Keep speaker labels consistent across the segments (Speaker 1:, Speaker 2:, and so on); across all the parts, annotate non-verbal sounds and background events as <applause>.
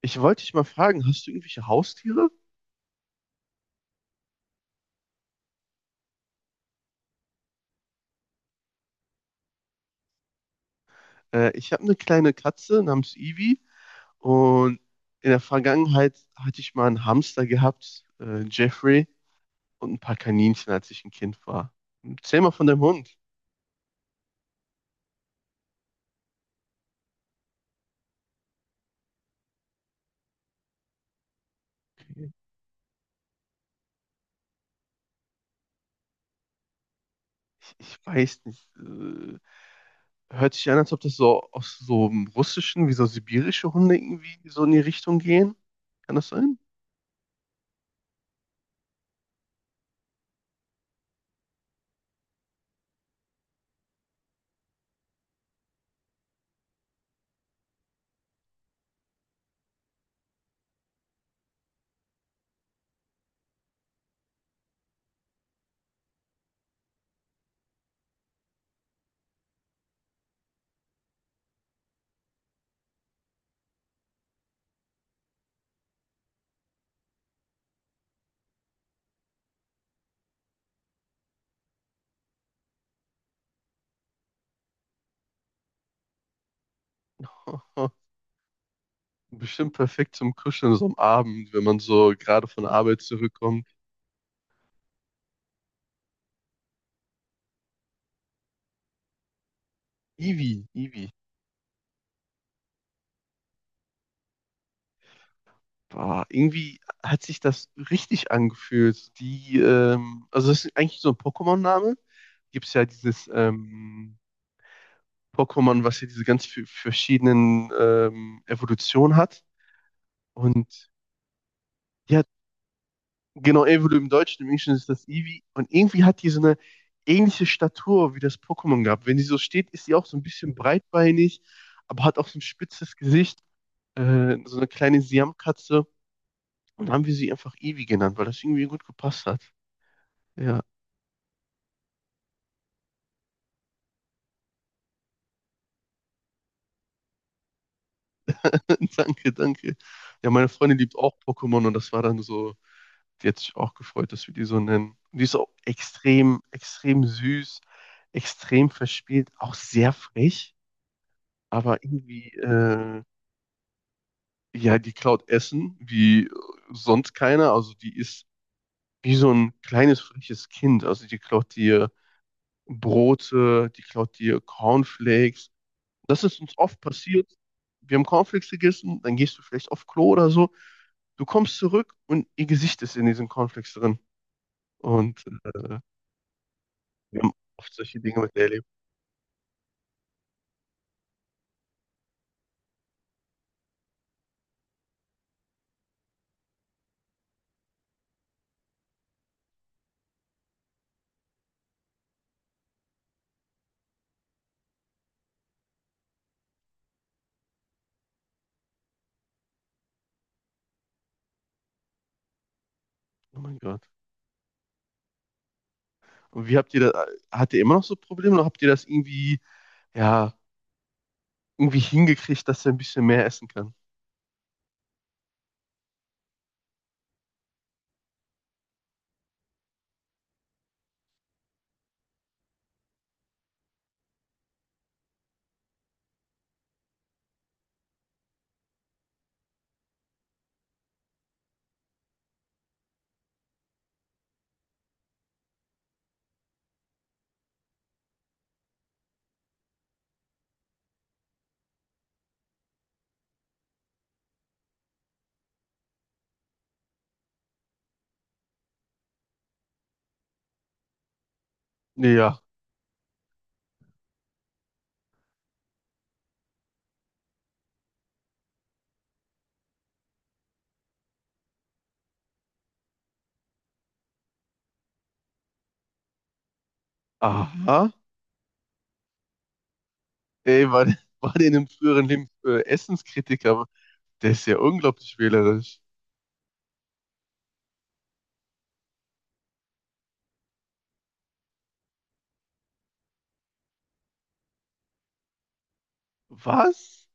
Speaker 1: Ich wollte dich mal fragen, hast du irgendwelche Haustiere? Ich habe eine kleine Katze namens Ivy und in der Vergangenheit hatte ich mal einen Hamster gehabt, Jeffrey, und ein paar Kaninchen, als ich ein Kind war. Erzähl mal von deinem Hund. Ich weiß nicht. Hört sich an, als ob das so aus so einem russischen, wie so sibirische Hunde irgendwie so in die Richtung gehen. Kann das sein? <laughs> Bestimmt perfekt zum Kuscheln so am Abend, wenn man so gerade von der Arbeit zurückkommt. Ivy, Ivy. Boah, irgendwie hat sich das richtig angefühlt. Die, also das ist eigentlich so ein Pokémon-Name. Gibt es ja dieses Pokémon, was ja diese ganz verschiedenen Evolutionen hat. Und ja, genau, Evolu im Deutschen, im Englischen ist das Eevee. Und irgendwie hat die so eine ähnliche Statur wie das Pokémon gehabt. Wenn die so steht, ist sie auch so ein bisschen breitbeinig, aber hat auch so ein spitzes Gesicht, so eine kleine Siamkatze. Und haben wir sie einfach Eevee genannt, weil das irgendwie gut gepasst hat. Ja. <laughs> Danke, danke. Ja, meine Freundin liebt auch Pokémon und das war dann so, die hat sich auch gefreut, dass wir die so nennen. Und die ist auch extrem, extrem süß, extrem verspielt, auch sehr frech, aber irgendwie, ja, die klaut Essen wie sonst keiner. Also die ist wie so ein kleines, freches Kind. Also die klaut dir Brote, die klaut dir Cornflakes. Das ist uns oft passiert. Wir haben Cornflakes gegessen, dann gehst du vielleicht auf Klo oder so. Du kommst zurück und ihr Gesicht ist in diesen Cornflakes drin. Und wir haben oft solche Dinge mit erlebt. Oh mein Gott. Und wie habt ihr da, habt ihr immer noch so Probleme oder habt ihr das irgendwie, ja, irgendwie hingekriegt, dass er ein bisschen mehr essen kann? Nee, ja. Aha. Ey, war, war der in einem früheren Leben Essenskritiker? Der ist ja unglaublich wählerisch. Was?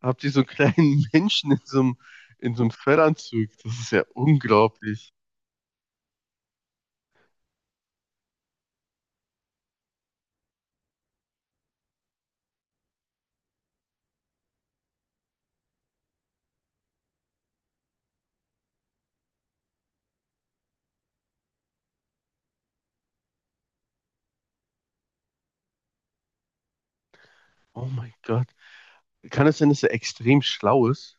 Speaker 1: Habt ihr so einen kleinen <laughs> Menschen in so einem Fellanzug. Das ist ja unglaublich. Oh mein Gott. Kann es sein, dass er extrem schlau ist?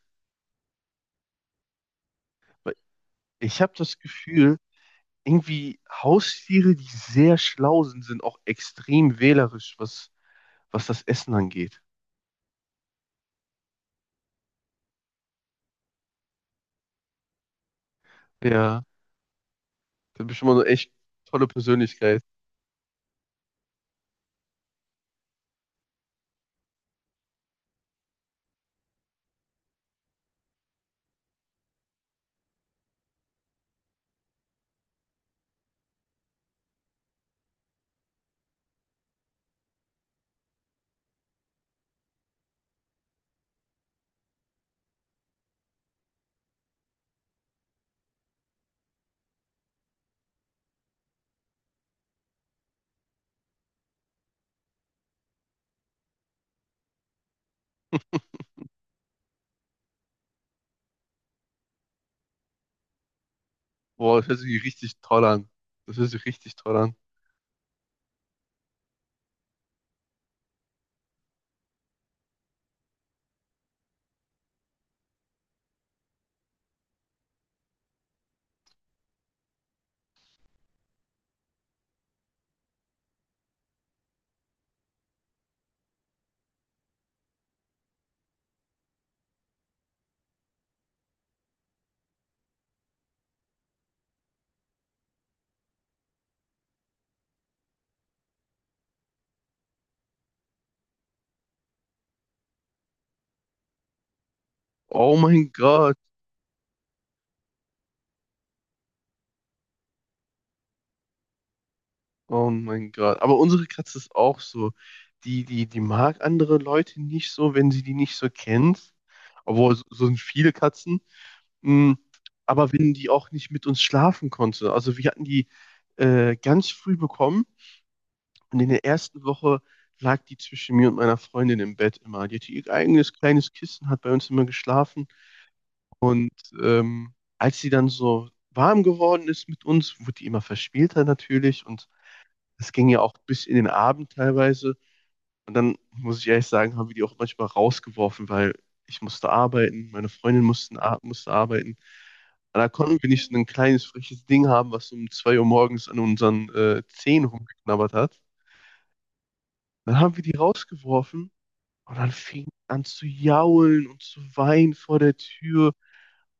Speaker 1: Weil ich habe das Gefühl, irgendwie Haustiere, die sehr schlau sind, sind auch extrem wählerisch, was, was das Essen angeht. Ja, das ist bestimmt mal eine echt tolle Persönlichkeit. Boah, das hört sich richtig toll an. Das hört sich richtig toll an. Oh mein Gott. Oh mein Gott. Aber unsere Katze ist auch so. Die mag andere Leute nicht so, wenn sie die nicht so kennt. Obwohl, so so sind viele Katzen. Mm, aber wenn die auch nicht mit uns schlafen konnte. Also wir hatten die ganz früh bekommen und in der ersten Woche lag die zwischen mir und meiner Freundin im Bett immer. Die hatte ihr eigenes kleines Kissen, hat bei uns immer geschlafen. Und als sie dann so warm geworden ist mit uns, wurde die immer verspielter natürlich und das ging ja auch bis in den Abend teilweise. Und dann muss ich ehrlich sagen, haben wir die auch manchmal rausgeworfen, weil ich musste arbeiten, meine Freundin mussten, musste arbeiten. Und da konnten wir nicht so ein kleines, freches Ding haben, was um 2 Uhr morgens an unseren Zehen rumgeknabbert hat. Dann haben wir die rausgeworfen und dann fing die an zu jaulen und zu weinen vor der Tür.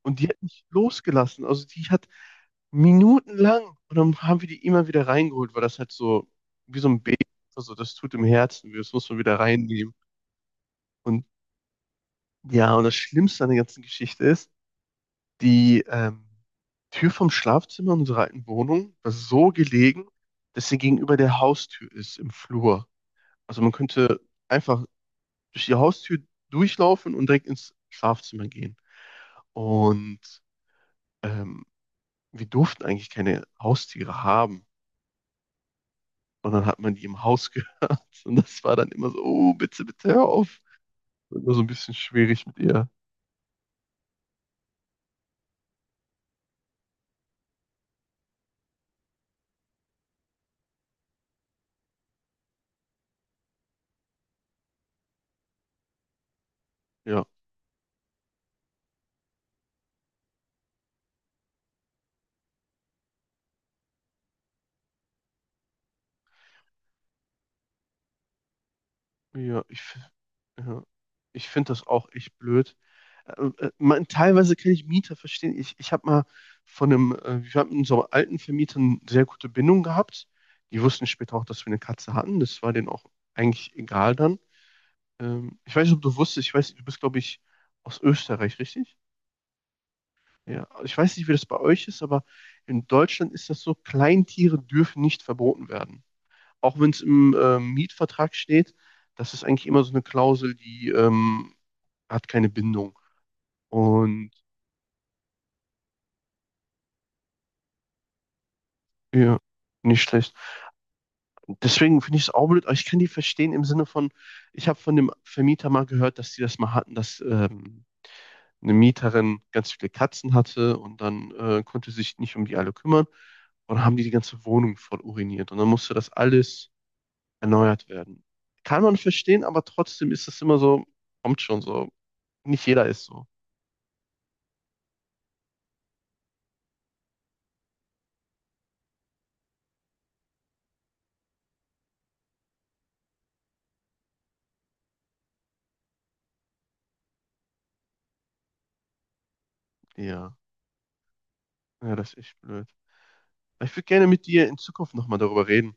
Speaker 1: Und die hat nicht losgelassen. Also die hat minutenlang und dann haben wir die immer wieder reingeholt, weil das halt so wie so ein Baby, also das tut im Herzen, weh, das muss man wieder reinnehmen. Und ja, und das Schlimmste an der ganzen Geschichte ist, die Tür vom Schlafzimmer unserer alten Wohnung war so gelegen, dass sie gegenüber der Haustür ist im Flur. Also man könnte einfach durch die Haustür durchlaufen und direkt ins Schlafzimmer gehen. Und ähm, wir durften eigentlich keine Haustiere haben. Und dann hat man die im Haus <laughs> gehört. Und das war dann immer so, oh, bitte, bitte hör auf. Wird immer so ein bisschen schwierig mit ihr. Ja, ja, ja. Ich finde das auch echt blöd. Man, teilweise kann ich Mieter verstehen. Ich habe mal von einem, wir haben mit unserem alten Vermieter eine sehr gute Bindung gehabt. Die wussten später auch, dass wir eine Katze hatten. Das war denen auch eigentlich egal dann. Ich weiß nicht, ob du wusstest, ich weiß, du bist, glaube ich, aus Österreich, richtig? Ja, also ich weiß nicht, wie das bei euch ist, aber in Deutschland ist das so, Kleintiere dürfen nicht verboten werden. Auch wenn es im Mietvertrag steht, das ist eigentlich immer so eine Klausel, die hat keine Bindung. Und ja, nicht schlecht. Deswegen finde ich es auch blöd, aber ich kann die verstehen im Sinne von, ich habe von dem Vermieter mal gehört, dass die das mal hatten, dass eine Mieterin ganz viele Katzen hatte und dann konnte sich nicht um die alle kümmern. Und dann haben die die ganze Wohnung voll uriniert. Und dann musste das alles erneuert werden. Kann man verstehen, aber trotzdem ist es immer so, kommt schon so. Nicht jeder ist so. Ja, ja, das ist echt blöd. Ich würde gerne mit dir in Zukunft nochmal darüber reden.